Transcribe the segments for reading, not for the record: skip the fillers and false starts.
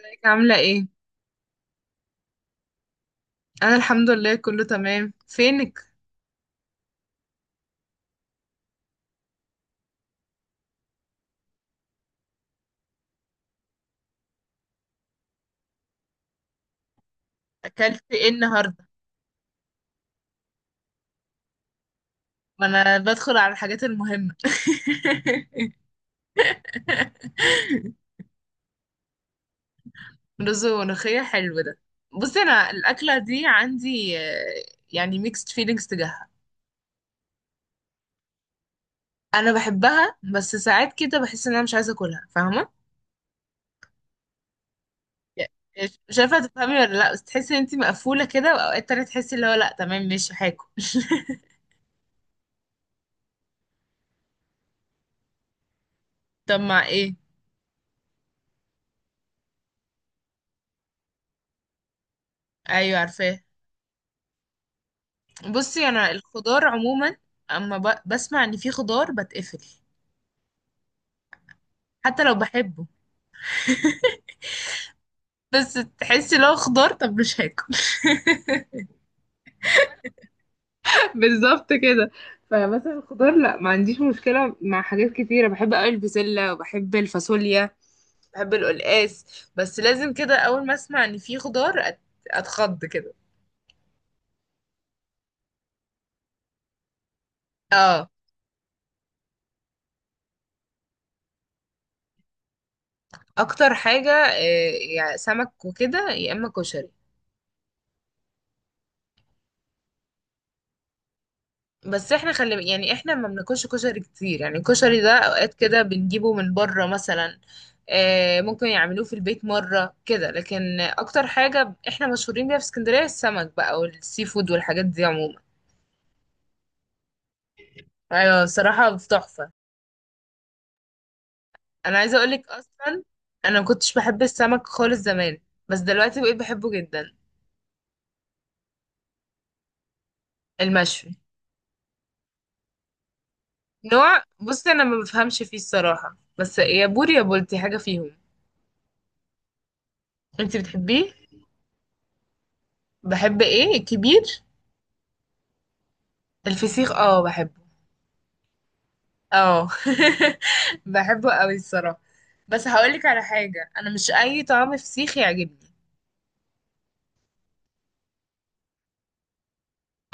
ازيك عاملة ايه؟ أنا الحمد لله كله تمام. فينك؟ أكلت ايه النهاردة؟ وأنا بدخل على الحاجات المهمة. رز وملوخية، حلو ده. بصي أنا الأكلة دي عندي يعني ميكست فيلينجز تجاهها. أنا بحبها بس ساعات كده بحس إن أنا مش عايزة أكلها، فاهمة؟ مش عارفة تفهمي ولا لأ، بس تحسي إن انتي مقفولة كده، وأوقات تانية تحسي اللي هو لأ تمام ماشي هاكل. طب مع ايه؟ أيوه عارفاه. بصي انا الخضار عموما اما بسمع ان في خضار بتقفل، حتى لو بحبه. بس تحسي لو خضار طب مش هاكل. بالظبط كده. فمثلا الخضار لا ما عنديش مشكلة، مع حاجات كتيرة بحب قوي، البسلة وبحب الفاصوليا، بحب القلقاس. بس لازم كده اول ما اسمع ان في خضار اتخض كده. اه اكتر حاجة يعني سمك وكده، يا اما كشري. بس احنا خلي يعني احنا ما بناكلش كشري كتير، يعني الكشري ده اوقات كده بنجيبه من بره مثلا. ممكن يعملوه في البيت مرة كده، لكن اكتر حاجة احنا مشهورين بيها في اسكندرية السمك بقى، والسي فود والحاجات دي عموما. ايوه صراحة تحفة. انا عايزة اقولك اصلا انا ما كنتش بحب السمك خالص زمان، بس دلوقتي بقيت بحبه جدا. المشوي. نوع، بصي انا ما بفهمش فيه الصراحة، بس يا بوري يا بولتي حاجة فيهم. انتي بتحبيه؟ بحب ايه الكبير؟ الفسيخ اه بحبه. اه. بحبه قوي الصراحة. بس هقولك على حاجة، انا مش اي طعم فسيخ يعجبني.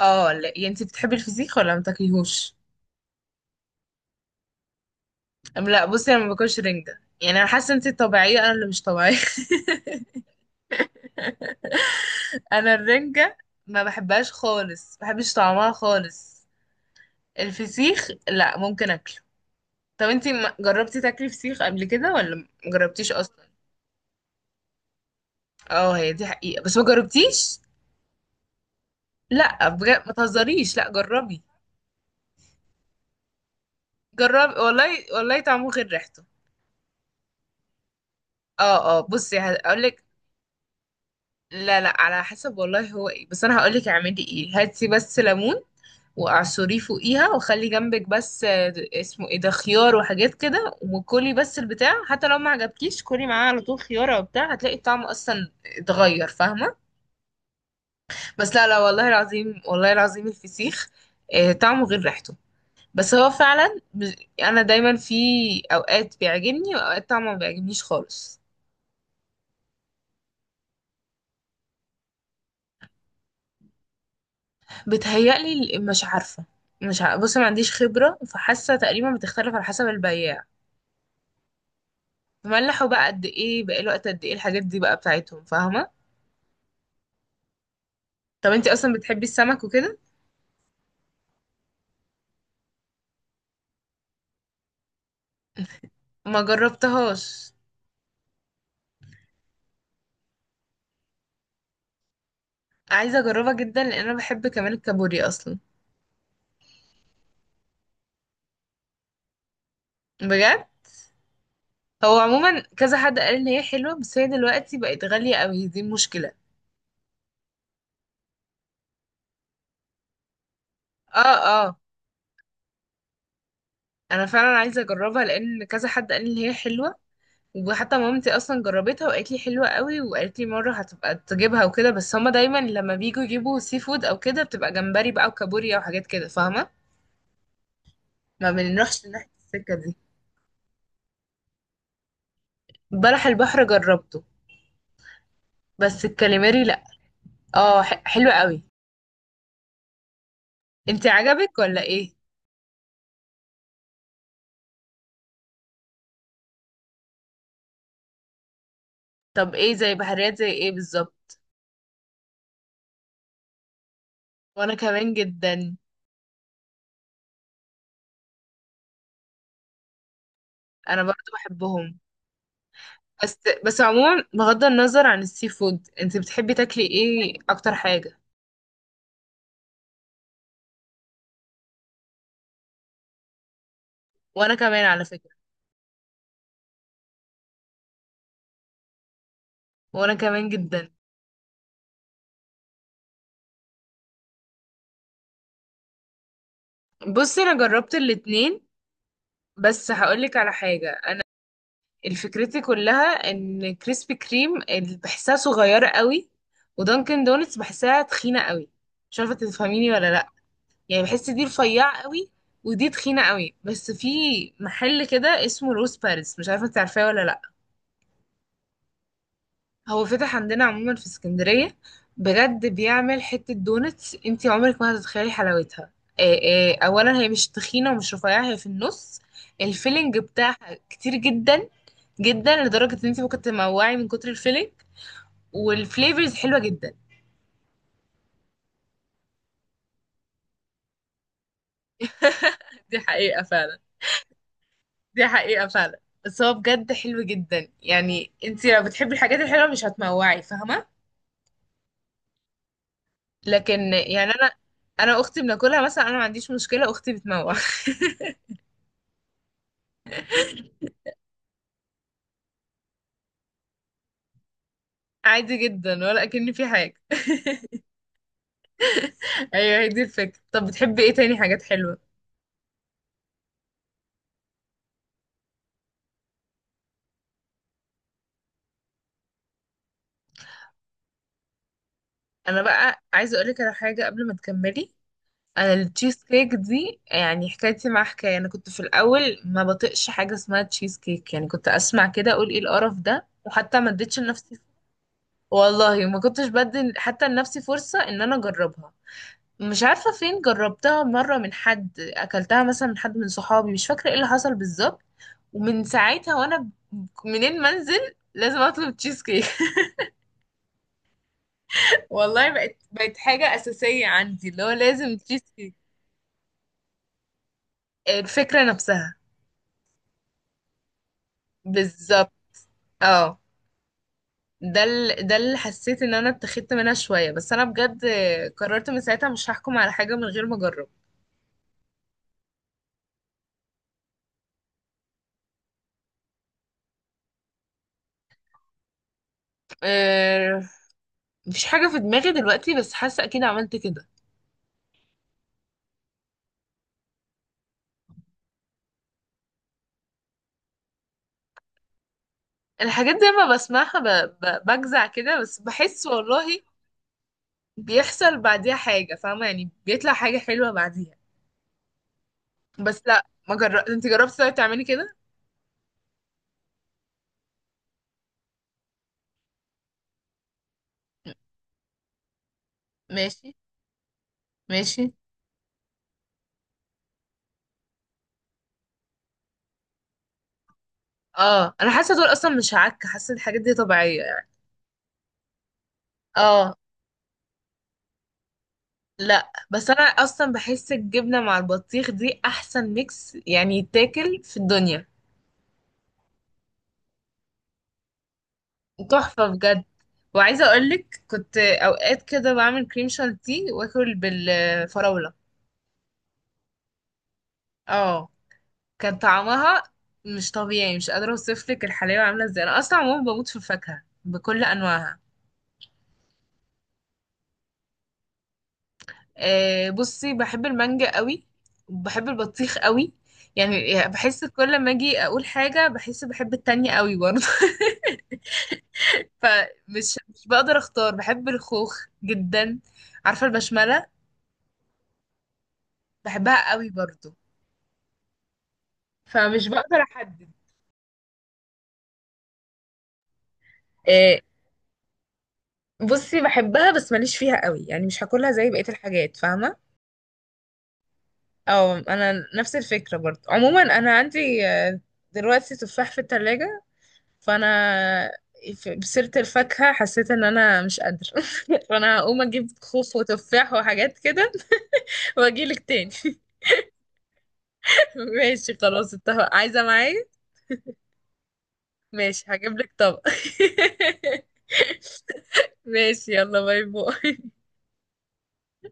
اه لا، يعني انت بتحبي الفسيخ ولا ما تاكليهوش؟ لا بصي انا ما باكلش رنجة، يعني انا حاسة انت طبيعية انا اللي مش طبيعية. انا الرنجة ما بحبهاش خالص، ما بحبش طعمها خالص. الفسيخ لا ممكن اكله. طب انت جربتي تاكلي فسيخ قبل كده ولا ما جربتيش اصلا؟ اه هي دي حقيقة بس ما جربتيش. لا بجد ما تهزريش، لا جربي. جربي، والله والله طعمه غير ريحته. اه اه، بصي هقول لك. لا لا، على حسب والله، هو ايه، بس انا هقول لك اعملي ايه، هاتي بس ليمون واعصريه فوقيها، وخلي جنبك بس اسمه ايه ده، خيار وحاجات كده، وكلي بس البتاع حتى لو ما عجبكيش، كلي معاه على طول خيار او بتاع، هتلاقي الطعم اصلا اتغير، فاهمه؟ بس لا لا، والله العظيم والله العظيم الفسيخ طعمه غير ريحته. بس هو فعلا انا دايما في اوقات بيعجبني، واوقات طبعا ما بيعجبنيش خالص. بتهيألي مش عارفة. بص ما عنديش خبره، فحاسه تقريبا بتختلف على حسب البياع. ملحوا بقى قد ايه، بقى له وقت قد ايه، الحاجات دي بقى بتاعتهم، فاهمه؟ طب انتي اصلا بتحبي السمك وكده؟ ما جربتهاش. عايزه اجربها جدا لان انا بحب كمان الكابوريا اصلا. بجد. هو عموما كذا حد قال ان هي حلوه، بس هي دلوقتي بقت غاليه قوي، دي مشكله. اه. اه انا فعلا عايزه اجربها لان كذا حد قال لي ان هي حلوه. وحتى مامتي اصلا جربتها وقالت لي حلوه قوي، وقالت لي مره هتبقى تجيبها وكده، بس هما دايما لما بيجوا يجيبوا سي فود او كده بتبقى جمبري بقى وكابوريا وحاجات كده، فاهمه؟ ما بنروحش ناحيه السكه دي. بلح البحر جربته. بس الكاليماري لا. اه حلوه قوي. انت عجبك ولا ايه؟ طب ايه زي بحريات زي ايه بالظبط؟ وانا كمان جدا. انا برضو بحبهم. بس، عموما بغض النظر عن السي فود انت بتحبي تاكلي ايه اكتر حاجه؟ وانا كمان على فكرة. وانا كمان جدا. بصي انا جربت الاتنين. بس هقولك على حاجة، الفكرتي كلها ان كريسبي كريم بحسها صغيرة قوي. ودانكن دونتس بحسها تخينة قوي. مش عارفة تفهميني ولا لا؟ يعني بحس دي رفيعة قوي، ودي تخينة قوي. بس في محل كده اسمه روز باريس، مش عارفة انت عارفاه ولا لا. هو فتح عندنا عموما في اسكندرية. بجد بيعمل حتة دونتس انتي عمرك ما هتتخيلي حلاوتها. آه، اولا هي مش تخينة ومش رفيعة، هي في النص. الفيلينج بتاعها كتير جدا، جدا لدرجة ان انتي ممكن تموعي من كتر الفيلينج. والفليفرز حلوة جدا. دي حقيقة فعلا. دي حقيقة فعلا. بس هو بجد حلو جدا، يعني انتي لو بتحبي الحاجات الحلوة مش هتموعي، فاهمة؟ لكن يعني انا، انا اختي بناكلها مثلا، انا ما عنديش مشكلة اختي بتموع. عادي جدا ولا اكن في حاجه. ايوه هي دي الفكره. طب بتحبي ايه تاني حاجات حلوه؟ انا بقى عايزه اقولك على حاجه قبل ما تكملي. انا التشيز كيك دي يعني حكايتي مع حكايه، انا كنت في الاول ما بطيقش حاجه اسمها تشيز كيك، يعني كنت اسمع كده اقول ايه القرف ده، وحتى ما اديتش لنفسي، والله ما كنتش بدي حتى لنفسي فرصه ان انا اجربها. مش عارفة فين جربتها مرة من حد، أكلتها مثلا من حد من صحابي، مش فاكرة ايه اللي حصل بالظبط. ومن ساعتها وأنا منين ما انزل لازم أطلب تشيز كيك. والله بقت حاجة أساسية عندي، اللي هو لازم تشيز كيك. الفكرة نفسها. بالظبط. اه. ده ده اللي حسيت ان انا اتخذت منها شوية، بس انا بجد قررت من ساعتها مش هحكم على حاجة من غير ما اجرب. أه... مفيش حاجة في دماغي دلوقتي، بس حاسة اكيد عملت كده. الحاجات دي لما بسمعها بجزع كده، بس بحس والله بيحصل بعديها حاجة، فاهمة؟ يعني بيطلع حاجة حلوة بعديها. بس لا ما جربت، انت جربتي؟ طيب تعملي كده. ماشي ماشي. اه انا حاسة دول اصلا مش عك، حاسة الحاجات دي طبيعية يعني. اه لا بس انا اصلا بحس الجبنة مع البطيخ دي احسن ميكس يعني يتاكل في الدنيا. تحفة بجد. وعايزة اقولك كنت اوقات كده بعمل كريم شانتيه واكل بالفراولة. اه. كان طعمها مش طبيعي، مش قادرة اوصف لك الحلاوة عاملة ازاي، انا اصلا عموما بموت في الفاكهة بكل انواعها. أه بصي بحب المانجا قوي، وبحب البطيخ قوي. يعني بحس كل ما اجي اقول حاجة بحس بحب التانية قوي برضه. فمش مش بقدر اختار، بحب الخوخ جدا. عارفة البشملة؟ بحبها قوي برضه، فمش بقدر احدد. أه بصي بحبها بس ماليش فيها قوي، يعني مش هاكلها زي بقية الحاجات، فاهمة؟ اه انا نفس الفكره برضه. عموما انا عندي دلوقتي تفاح في التلاجة، فانا بسيره الفاكهه حسيت ان انا مش قادره. فانا هقوم اجيب خوخ وتفاح وحاجات كده، واجيلك تاني. ماشي خلاص اتفق، عايزه معايا؟ ماشي هجيب لك طبق. ماشي يلا باي باي.